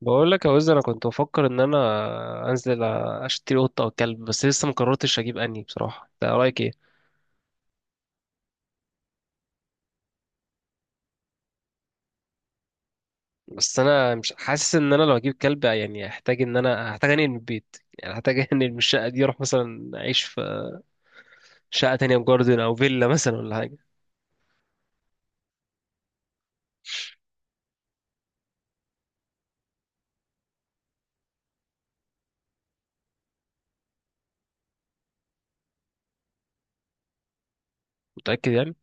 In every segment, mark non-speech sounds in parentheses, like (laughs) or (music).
بقول لك يا وزر، انا كنت بفكر ان انا انزل اشتري قطه او كلب، بس لسه ما قررتش اجيب انهي بصراحه، ده رايك ايه؟ بس انا مش حاسس ان انا لو اجيب كلب، يعني هحتاج ان انا هحتاج انقل من البيت، يعني هحتاج (laughs) انقل من الشقه دي، اروح مثلا اعيش في شقه تانية في جاردن او فيلا مثلا ولا حاجه. متاكد يعني؟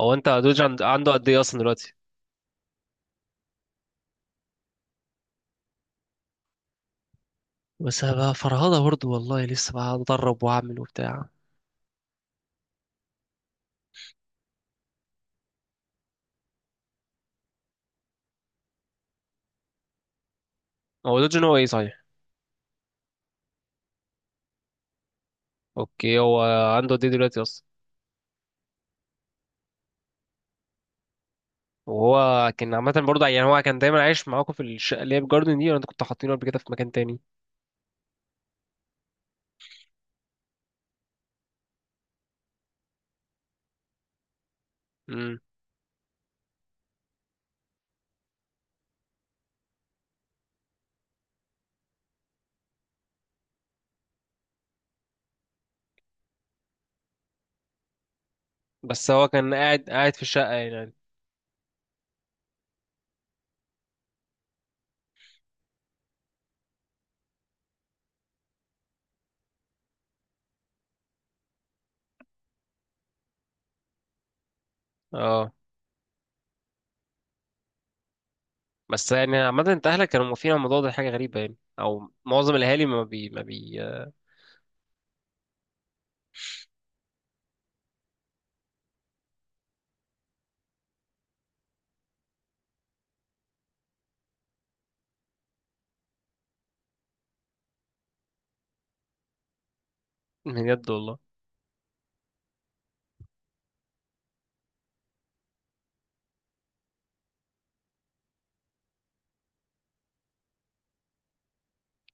او انت دوج عنده قد ايه اصلا دلوقتي؟ بس هبقى فرهضه برضه، والله لسه بقى اتدرب واعمل وبتاع. هو دوج إن هو ايه صحيح؟ اوكي. هو عنده قد ايه دلوقتي اصلا؟ وهو كان عامة برضه، يعني هو كان دايما عايش معاكم في الشقة اللي هي بجاردن دي، ولا انتوا كنتوا حاطينه قبل كده في مكان تاني؟ امم. بس هو كان قاعد قاعد في الشقة يعني؟ اه. بس يعني عامة انت اهلك كانوا موافقين على الموضوع ده؟ حاجة غريبة يعني، او معظم الاهالي ما بي ما بي بجد والله؟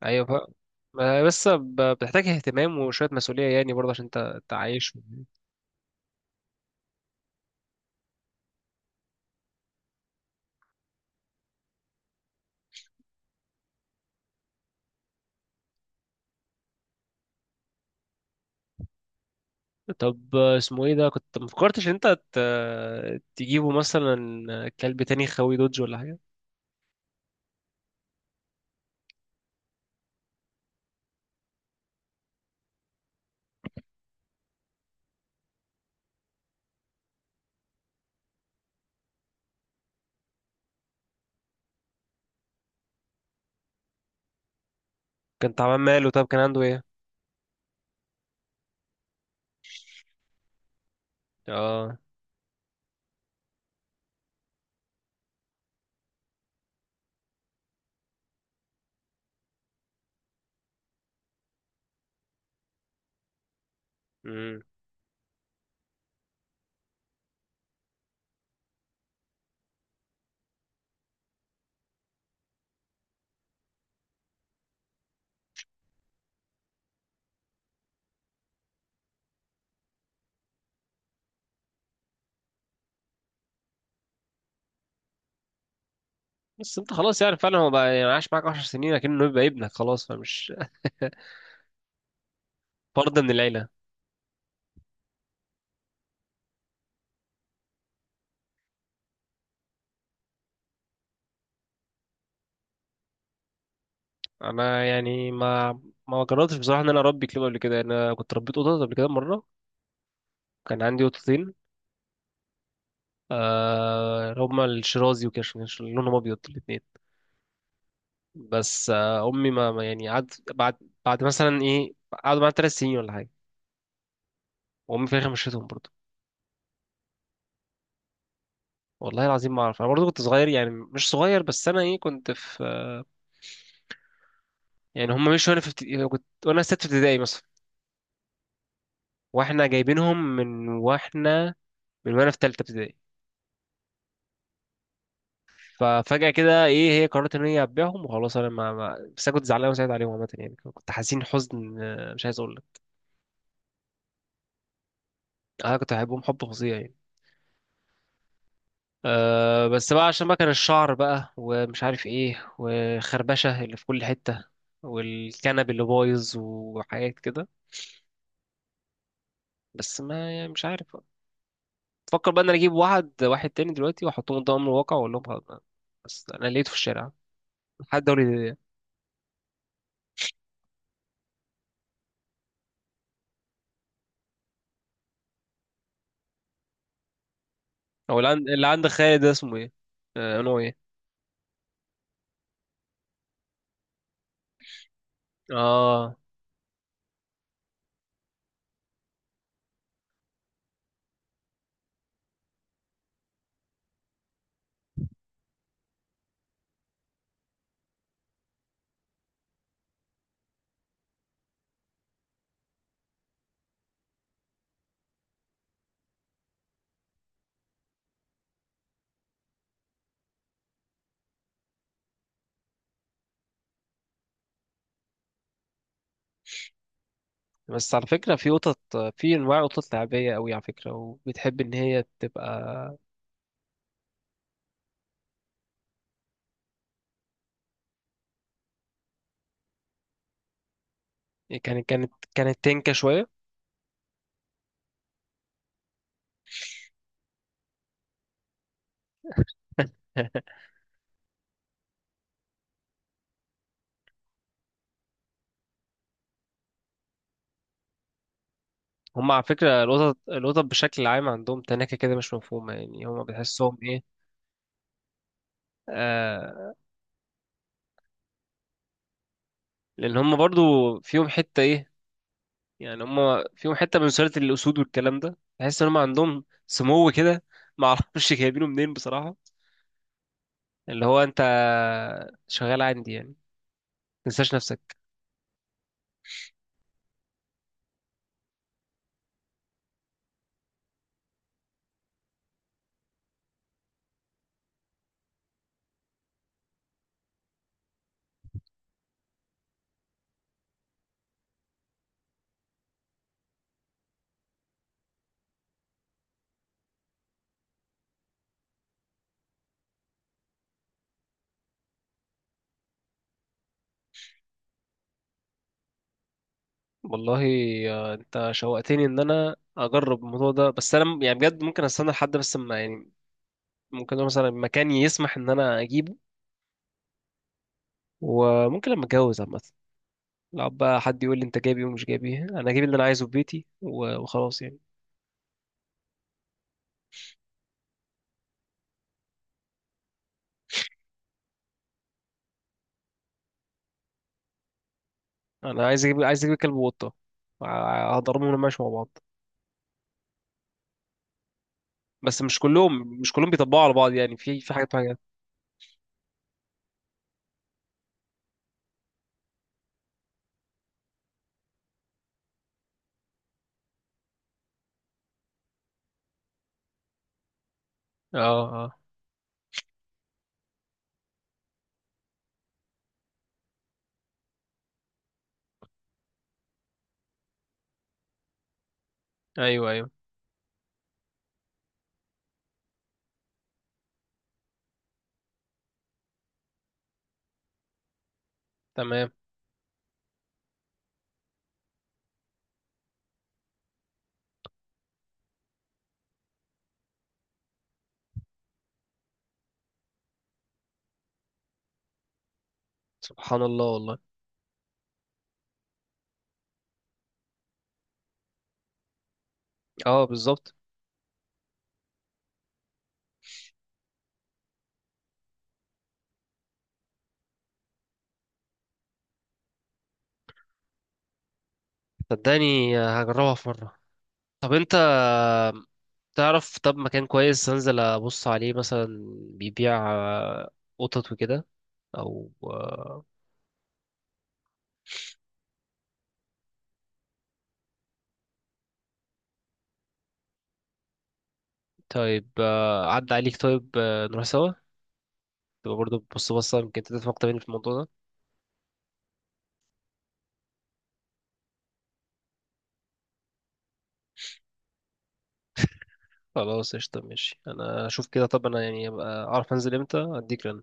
ايوه، بس بتحتاج اهتمام وشوية مسؤولية يعني برضه عشان انت تعيش. طب اسمه ايه؟ ده كنت ما فكرتش ان انت تجيبه مثلا كلب تاني خوي دوج ولا حاجة. كان تعبان ماله؟ طب كان عنده ايه؟ اه. مم. بس انت خلاص يعني فعلا هو بقى، يعني عاش معاك 10 سنين لكنه يبقى ابنك خلاص، فمش... (laughs) فرد من العيله. انا يعني ما جربتش بصراحه ان انا اربي كلاب قبل كده، انا كنت ربيت قطط قبل كده مره. كان عندي قطتين. آه، هما الشرازي وكاش لونهم ابيض الاثنين. بس امي ما يعني قعدت بعد... بعد مثلا ايه، قعدوا معايا 3 سنين ولا حاجه. وامي في الاخر مشيتهم برضه. والله العظيم ما اعرف، انا برضه كنت صغير، يعني مش صغير بس انا ايه كنت في... يعني هم مشوا وانا في ابتدائي كنت، وانا ست ابتدائي مثلا. واحنا جايبينهم من وانا في تالتة ابتدائي. ففجأة كده ايه هي قررت ان هي هتبيعهم وخلاص، انا بس انا كنت زعلان وسعيد عليهم عامة يعني، كنت حزين حزن، مش عايز اقول لك. انا كنت بحبهم حب فظيع يعني. بس بقى عشان بقى كان الشعر بقى ومش عارف ايه، وخربشة اللي في كل حتة. والكنب اللي بايظ وحاجات كده. بس ما يعني مش عارف. بفكر بقى ان انا اجيب واحد واحد تاني دلوقتي واحطهم قدام الواقع واقول لهم خلاص بقى. بس انا لقيته في الشارع حد دوري. هو اللي عند خالد ده اسمه ايه؟ نوع ايه؟ اه. بس على فكرة في قطط، في انواع قطط لعبية قوي على فكرة، وبتحب ان هي تبقى... يعني كانت تنكة شوية. (laughs) هم على فكرة القطط بشكل عام عندهم تناكة كده مش مفهومة، يعني هم بتحسهم ايه؟ آه لان هم برضو فيهم حتة ايه، يعني هم فيهم حتة من سلالة الأسود والكلام ده، تحس ان هم عندهم سمو كده. معرفش جايبينه منين بصراحة. اللي هو انت شغال عندي يعني، تنساش نفسك. والله. انت شوقتني ان انا اجرب الموضوع ده، بس انا يعني بجد ممكن استنى لحد بس ما يعني، ممكن أقول مثلا مكان يسمح ان انا اجيبه. وممكن لما اتجوز عامه، لو بقى حد يقول لي انت جايب ايه ومش جايب ايه، انا جايب اللي انا عايزه في بيتي و- وخلاص يعني. انا عايز اجيب كلب وقطه. هضربهم لما ماشي مع بعض. بس مش كلهم بيطبقوا على بعض، يعني في حاجات حاجات. اه. اه. ايوه، ايوه. تمام. سبحان الله والله. اه، بالظبط. صدقني، هجربها في مره. طب انت تعرف طب مكان كويس انزل ابص عليه مثلا بيبيع قطط وكده، او طيب عدى عليك، طيب نروح سوا؟ تبقى برضه بص بصة، يمكن انت تفهم اكتر مني في الموضوع ده. خلاص قشطة ماشي، انا اشوف كده. طب انا يعني ابقى اعرف انزل امتى، اديك رن.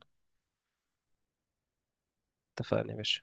اتفقنا يا باشا.